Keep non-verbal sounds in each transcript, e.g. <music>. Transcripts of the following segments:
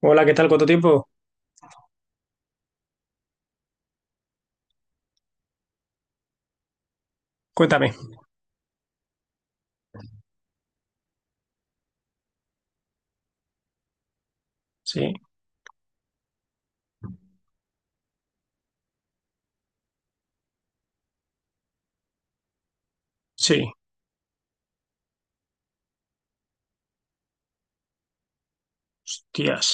Hola, ¿qué tal? ¿Cuánto tiempo? Cuéntame. Sí, sí. Hostias.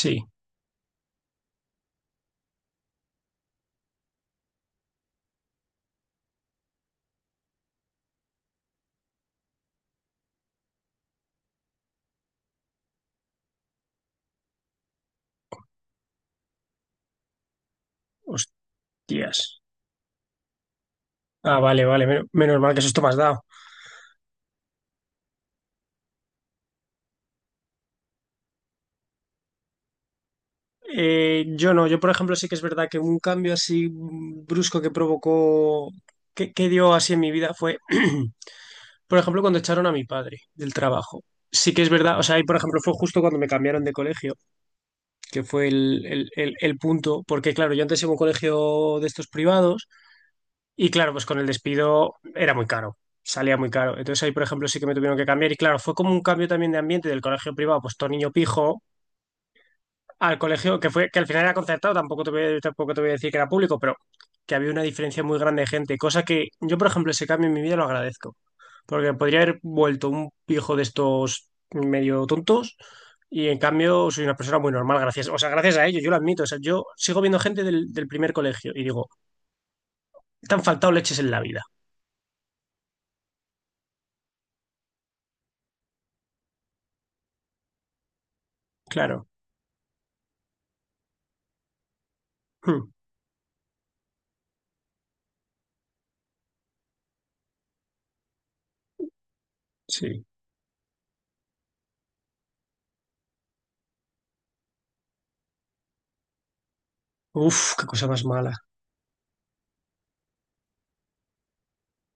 Sí, hostias. Ah, vale, vale. Menos mal que eso me has dado. Yo no, yo por ejemplo sí que es verdad que un cambio así brusco que provocó, que dio así en mi vida fue, <clears throat> por ejemplo, cuando echaron a mi padre del trabajo. Sí que es verdad, o sea, y por ejemplo fue justo cuando me cambiaron de colegio, que fue el punto, porque claro, yo antes iba a un colegio de estos privados. Y claro, pues con el despido era muy caro, salía muy caro. Entonces ahí, por ejemplo, sí que me tuvieron que cambiar. Y claro, fue como un cambio también de ambiente del colegio privado, pues todo niño pijo, al colegio que fue, que al final era concertado, tampoco te voy a decir que era público, pero que había una diferencia muy grande de gente, cosa que yo, por ejemplo, ese cambio en mi vida lo agradezco, porque podría haber vuelto un pijo de estos medio tontos. Y en cambio soy una persona muy normal, gracias. O sea, gracias a ello, yo lo admito. O sea, yo sigo viendo gente del primer colegio y digo, te han faltado leches en la vida. Claro. Hmm. Sí. Uf, qué cosa más mala.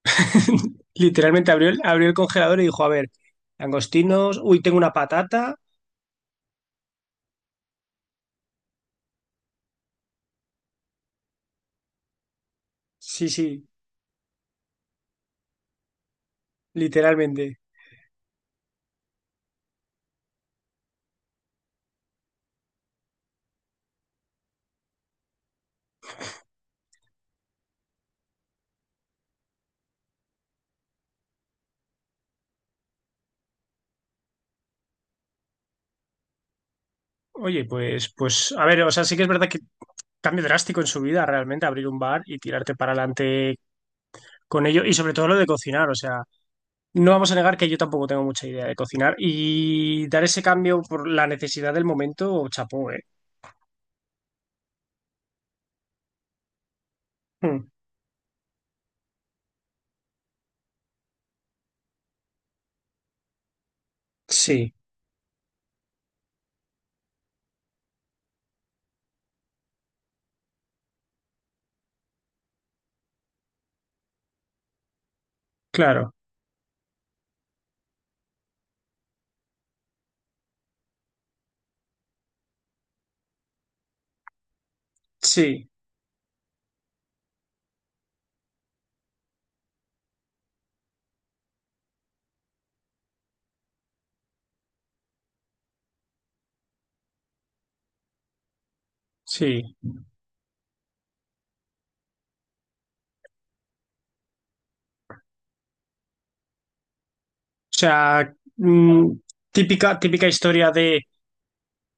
<laughs> Literalmente abrió el congelador y dijo, a ver, angostinos, uy, tengo una patata. Sí, sí, literalmente. Oye, pues, pues, a ver, o sea, sí que es verdad que cambio drástico en su vida realmente abrir un bar y tirarte para adelante con ello y sobre todo lo de cocinar, o sea, no vamos a negar que yo tampoco tengo mucha idea de cocinar y dar ese cambio por la necesidad del momento, chapó, ¿eh? Mm. Sí, claro, sí, sí. O sea, mm, típica, típica historia de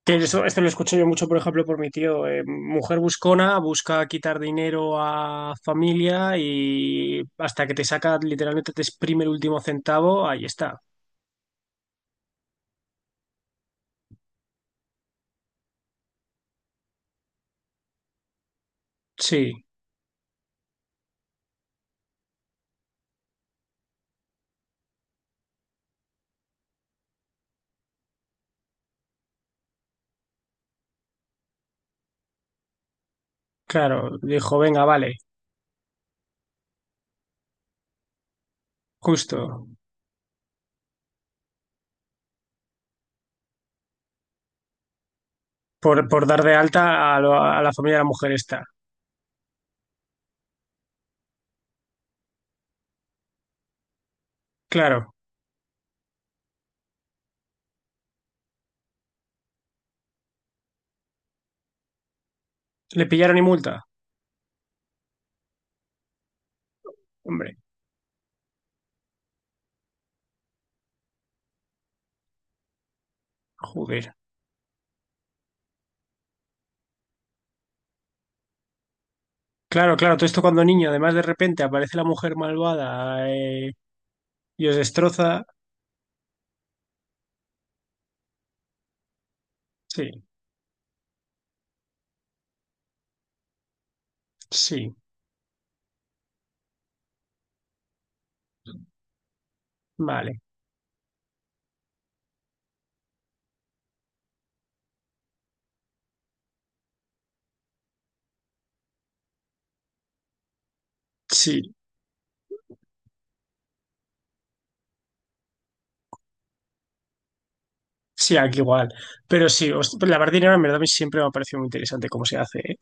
que eso, esto lo escucho yo mucho, por ejemplo, por mi tío. Mujer buscona, busca quitar dinero a familia y hasta que te saca, literalmente te exprime el último centavo, ahí está. Sí, claro. Dijo, venga, vale, justo. Por dar de alta a, a la familia de la mujer esta. Claro. ¿Le pillaron y multa? Hombre, joder. Claro, claro, todo esto cuando niño, además de repente aparece la mujer malvada, y os destroza. Sí. Sí, vale. Sí, sí, aquí igual. Pero sí, lavar dinero en verdad a mí siempre me ha parecido muy interesante cómo se hace, ¿eh?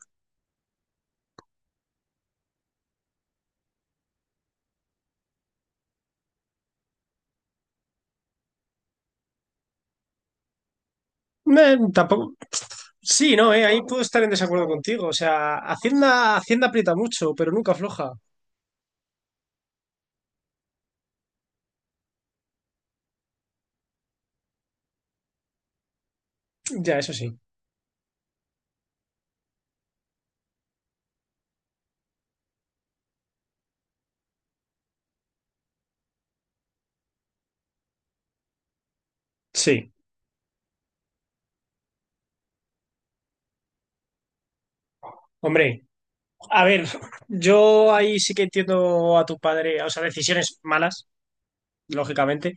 Tampoco. Sí, no, ahí puedo estar en desacuerdo contigo. O sea, Hacienda, Hacienda aprieta mucho, pero nunca afloja. Ya, eso sí. Sí. Hombre, a ver, yo ahí sí que entiendo a tu padre, o sea, decisiones malas, lógicamente,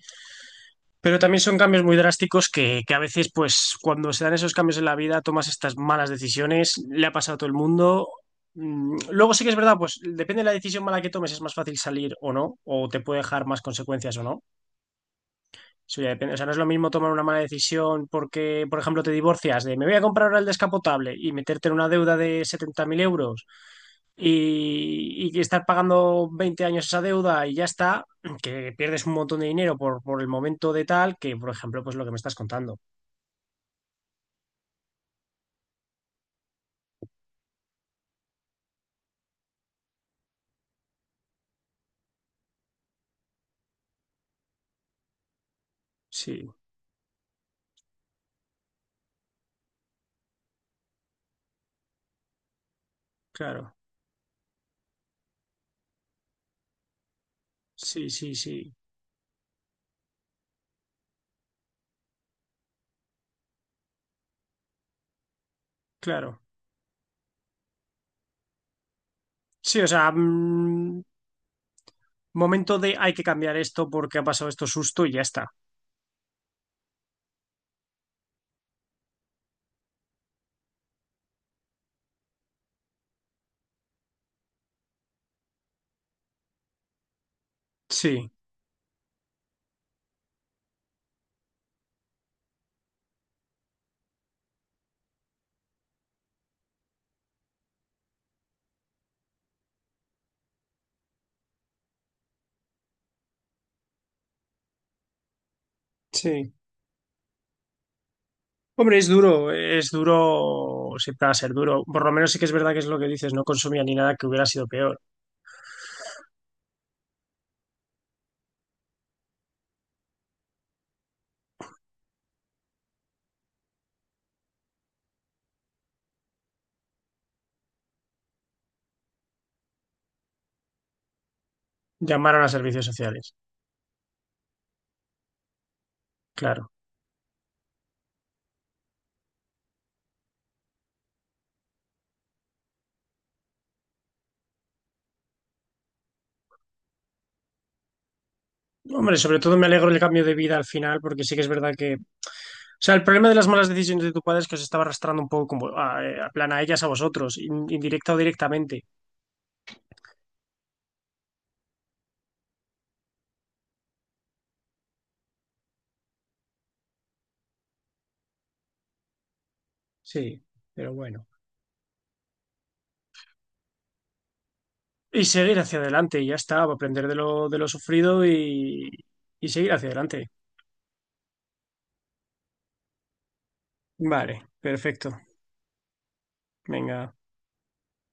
pero también son cambios muy drásticos que a veces, pues, cuando se dan esos cambios en la vida, tomas estas malas decisiones, le ha pasado a todo el mundo. Mm, luego sí que es verdad, pues depende de la decisión mala que tomes, es más fácil salir o no, o te puede dejar más consecuencias o no. Eso ya depende. O sea, no es lo mismo tomar una mala decisión porque, por ejemplo, te divorcias de me voy a comprar ahora el descapotable y meterte en una deuda de 70.000 euros y estar pagando 20 años esa deuda y ya está, que pierdes un montón de dinero por el momento de tal que, por ejemplo, pues lo que me estás contando. Sí, claro. Sí, sí, sí, claro. Sí, o sea, mm, momento de hay que cambiar esto porque ha pasado esto susto y ya está. Sí, sí. Hombre, es duro, siempre va a ser duro. Por lo menos sí que es verdad que es lo que dices, no consumía ni nada que hubiera sido peor. Llamaron a servicios sociales, claro. Hombre, sobre todo me alegro del cambio de vida al final, porque sí que es verdad que... O sea, el problema de las malas decisiones de tu padre es que os estaba arrastrando un poco como a plan a ellas, a vosotros, indirecta o directamente. Sí, pero bueno. Y seguir hacia adelante, y ya está, aprender de lo sufrido y seguir hacia adelante. Vale, perfecto. Venga.